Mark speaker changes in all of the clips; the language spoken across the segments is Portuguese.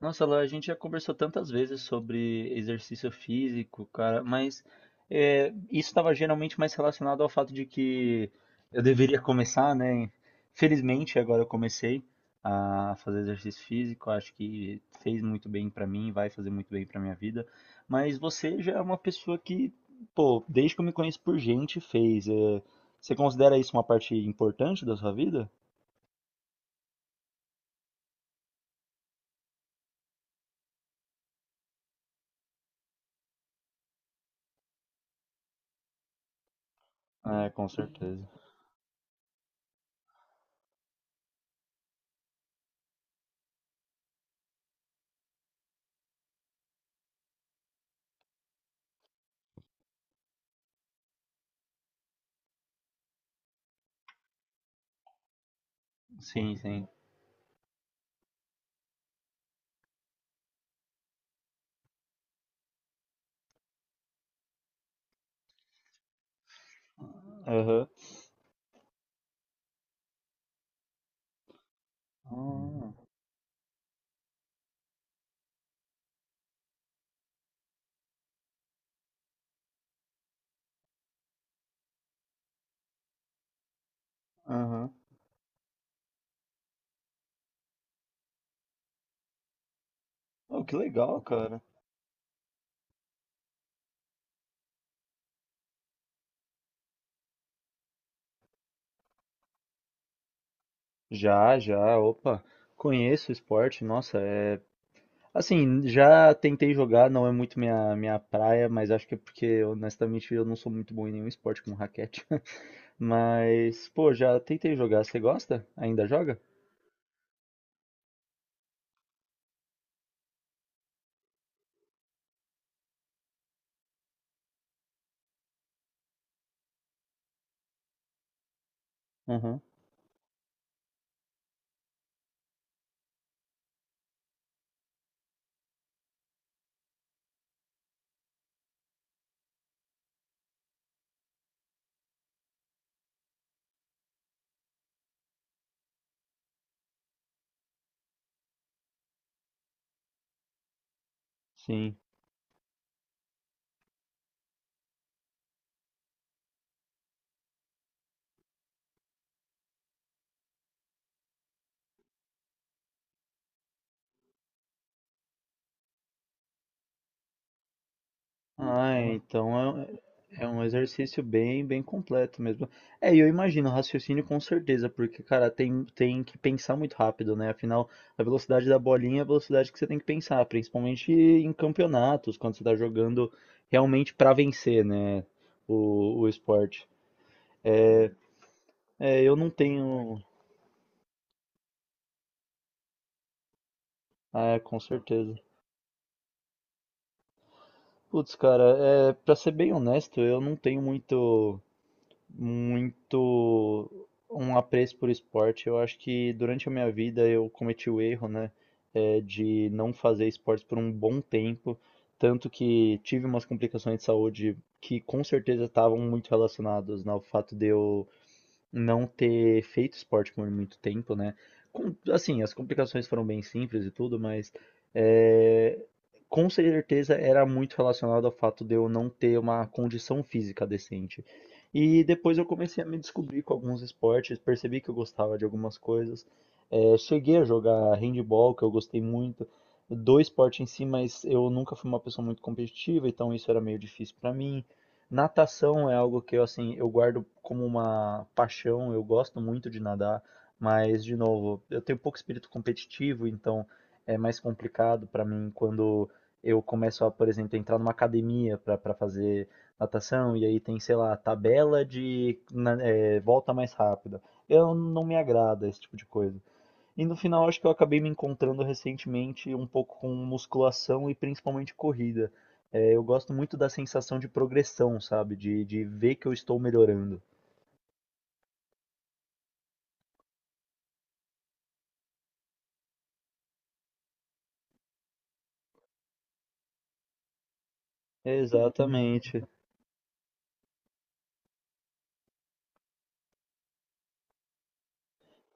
Speaker 1: Nossa, lá, a gente já conversou tantas vezes sobre exercício físico, cara, mas isso estava geralmente mais relacionado ao fato de que eu deveria começar, né? Felizmente, agora eu comecei a fazer exercício físico, acho que fez muito bem pra mim, vai fazer muito bem pra minha vida. Mas você já é uma pessoa que, pô, desde que eu me conheço por gente, fez. Você considera isso uma parte importante da sua vida? É, com certeza. Sim, sim. Aham. Ah. Aham. Oh, que legal, cara. Já, já, opa. Conheço o esporte, nossa, é. Assim, já tentei jogar, não é muito minha praia, mas acho que é porque, honestamente, eu não sou muito bom em nenhum esporte com raquete. Mas, pô, já tentei jogar. Você gosta? Ainda joga? Aham, sim. Ah, então é um exercício bem, bem completo mesmo. E eu imagino, raciocínio com certeza, porque, cara, tem que pensar muito rápido, né? Afinal, a velocidade da bolinha é a velocidade que você tem que pensar, principalmente em campeonatos, quando você tá jogando realmente pra vencer, né? O esporte. É, eu não tenho. Ah, é, com certeza. Putz, cara, pra ser bem honesto, eu não tenho muito um apreço por esporte. Eu acho que durante a minha vida eu cometi o erro, né, de não fazer esportes por um bom tempo, tanto que tive umas complicações de saúde que com certeza estavam muito relacionadas, né, ao fato de eu não ter feito esporte por muito tempo, né? Assim, as complicações foram bem simples e tudo, mas é, com certeza era muito relacionado ao fato de eu não ter uma condição física decente. E depois eu comecei a me descobrir com alguns esportes, percebi que eu gostava de algumas coisas. Cheguei a jogar handball, que eu gostei muito, do esporte em si, mas eu nunca fui uma pessoa muito competitiva, então isso era meio difícil para mim. Natação é algo que eu, assim, eu guardo como uma paixão, eu gosto muito de nadar, mas, de novo, eu tenho pouco espírito competitivo, então é mais complicado para mim quando eu começo a, por exemplo, entrar numa academia para fazer natação, e aí tem, sei lá, tabela de volta mais rápida. Eu não me agrada esse tipo de coisa. E no final, acho que eu acabei me encontrando recentemente um pouco com musculação e principalmente corrida. Eu gosto muito da sensação de progressão, sabe? De ver que eu estou melhorando. Exatamente.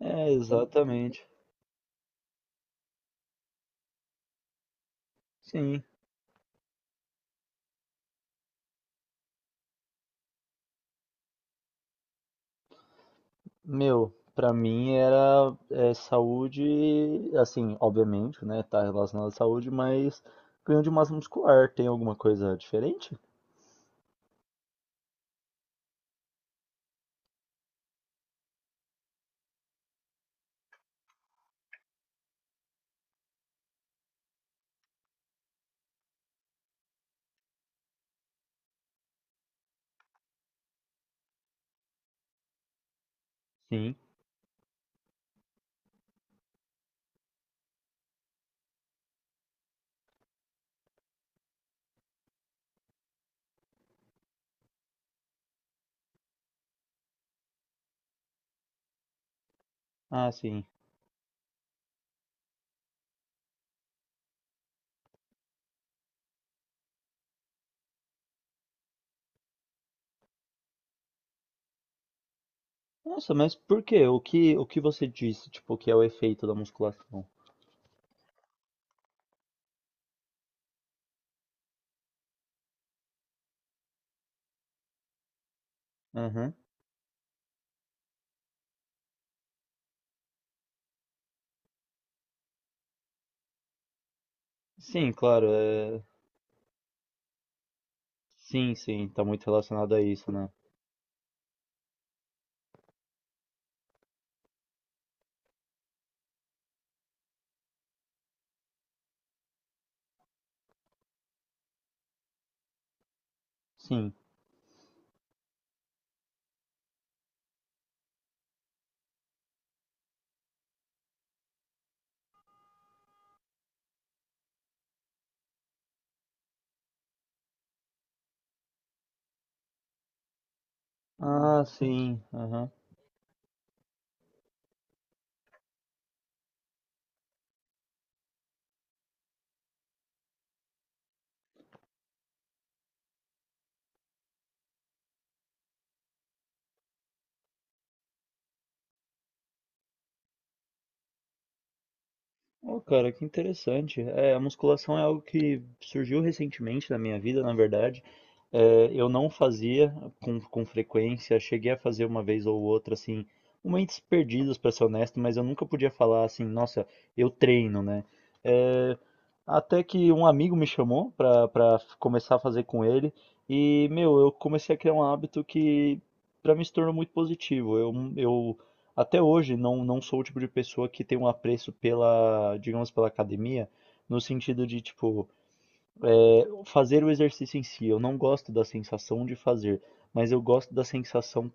Speaker 1: É, exatamente. Sim. Meu, pra mim era saúde, assim, obviamente, né? Tá relacionado à saúde, mas ganho de massa muscular tem alguma coisa diferente? Sim. Ah, sim. Nossa, mas por quê? O que você disse, tipo, que é o efeito da musculação? Aham. Sim, claro. É. Sim, sim, tá muito relacionado a isso, né? Sim. Ah, sim. Aham. Oh, cara, que interessante. A musculação é algo que surgiu recentemente na minha vida, na verdade. Eu não fazia com frequência, cheguei a fazer uma vez ou outra, assim, momentos perdidos, pra ser honesto, mas eu nunca podia falar assim, nossa, eu treino, né? É, Até que um amigo me chamou começar a fazer com ele, e, meu, eu comecei a criar um hábito que pra mim se tornou muito positivo. Eu até hoje não sou o tipo de pessoa que tem um apreço pela, digamos, pela academia, no sentido de, tipo, fazer o exercício em si. Eu não gosto da sensação de fazer, mas eu gosto da sensação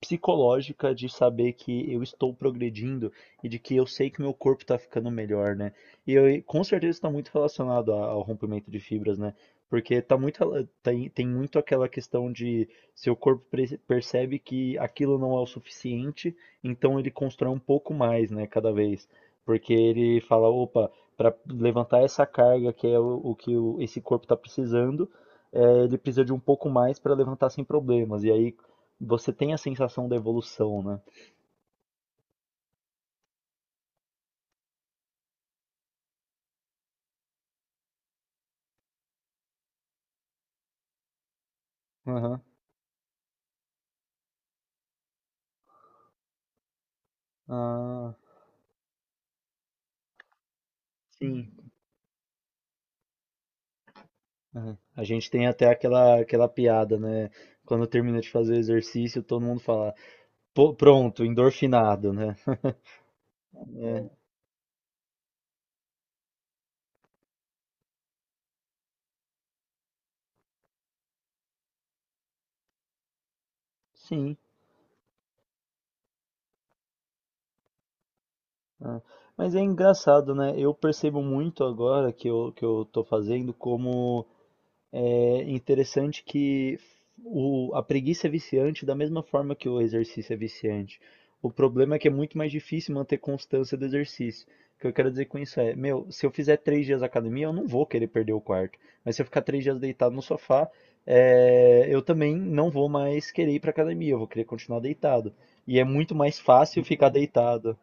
Speaker 1: psicológica de saber que eu estou progredindo e de que eu sei que meu corpo está ficando melhor, né? E eu, com certeza está muito relacionado ao rompimento de fibras, né? Porque tá muito, tem muito aquela questão de seu corpo percebe que aquilo não é o suficiente, então ele constrói um pouco mais, né, cada vez. Porque ele fala, opa, para levantar essa carga que é esse corpo está precisando, ele precisa de um pouco mais para levantar sem problemas. E aí, você tem a sensação da evolução, né? Aham. Ah, sim. É. A gente tem até aquela piada, né? Quando termina de fazer o exercício, todo mundo fala, "Pô, pronto, endorfinado, né?" É, sim. É. Mas é engraçado, né? Eu percebo muito agora que eu, tô fazendo. Como É interessante que a preguiça é viciante da mesma forma que o exercício é viciante. O problema é que é muito mais difícil manter constância do exercício. O que eu quero dizer com isso é, meu, se eu fizer 3 dias academia, eu não vou querer perder o quarto. Mas se eu ficar 3 dias deitado no sofá, eu também não vou mais querer ir para academia. Eu vou querer continuar deitado. E é muito mais fácil ficar deitado.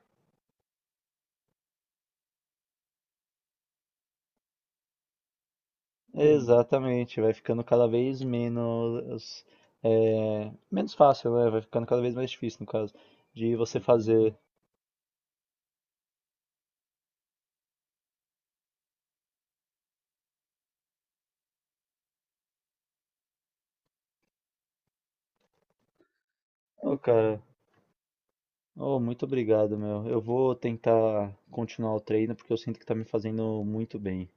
Speaker 1: Exatamente, vai ficando cada vez menos, menos fácil, né? Vai ficando cada vez mais difícil, no caso, de você fazer. Ô, cara, ô, muito obrigado, meu. Eu vou tentar continuar o treino porque eu sinto que tá me fazendo muito bem.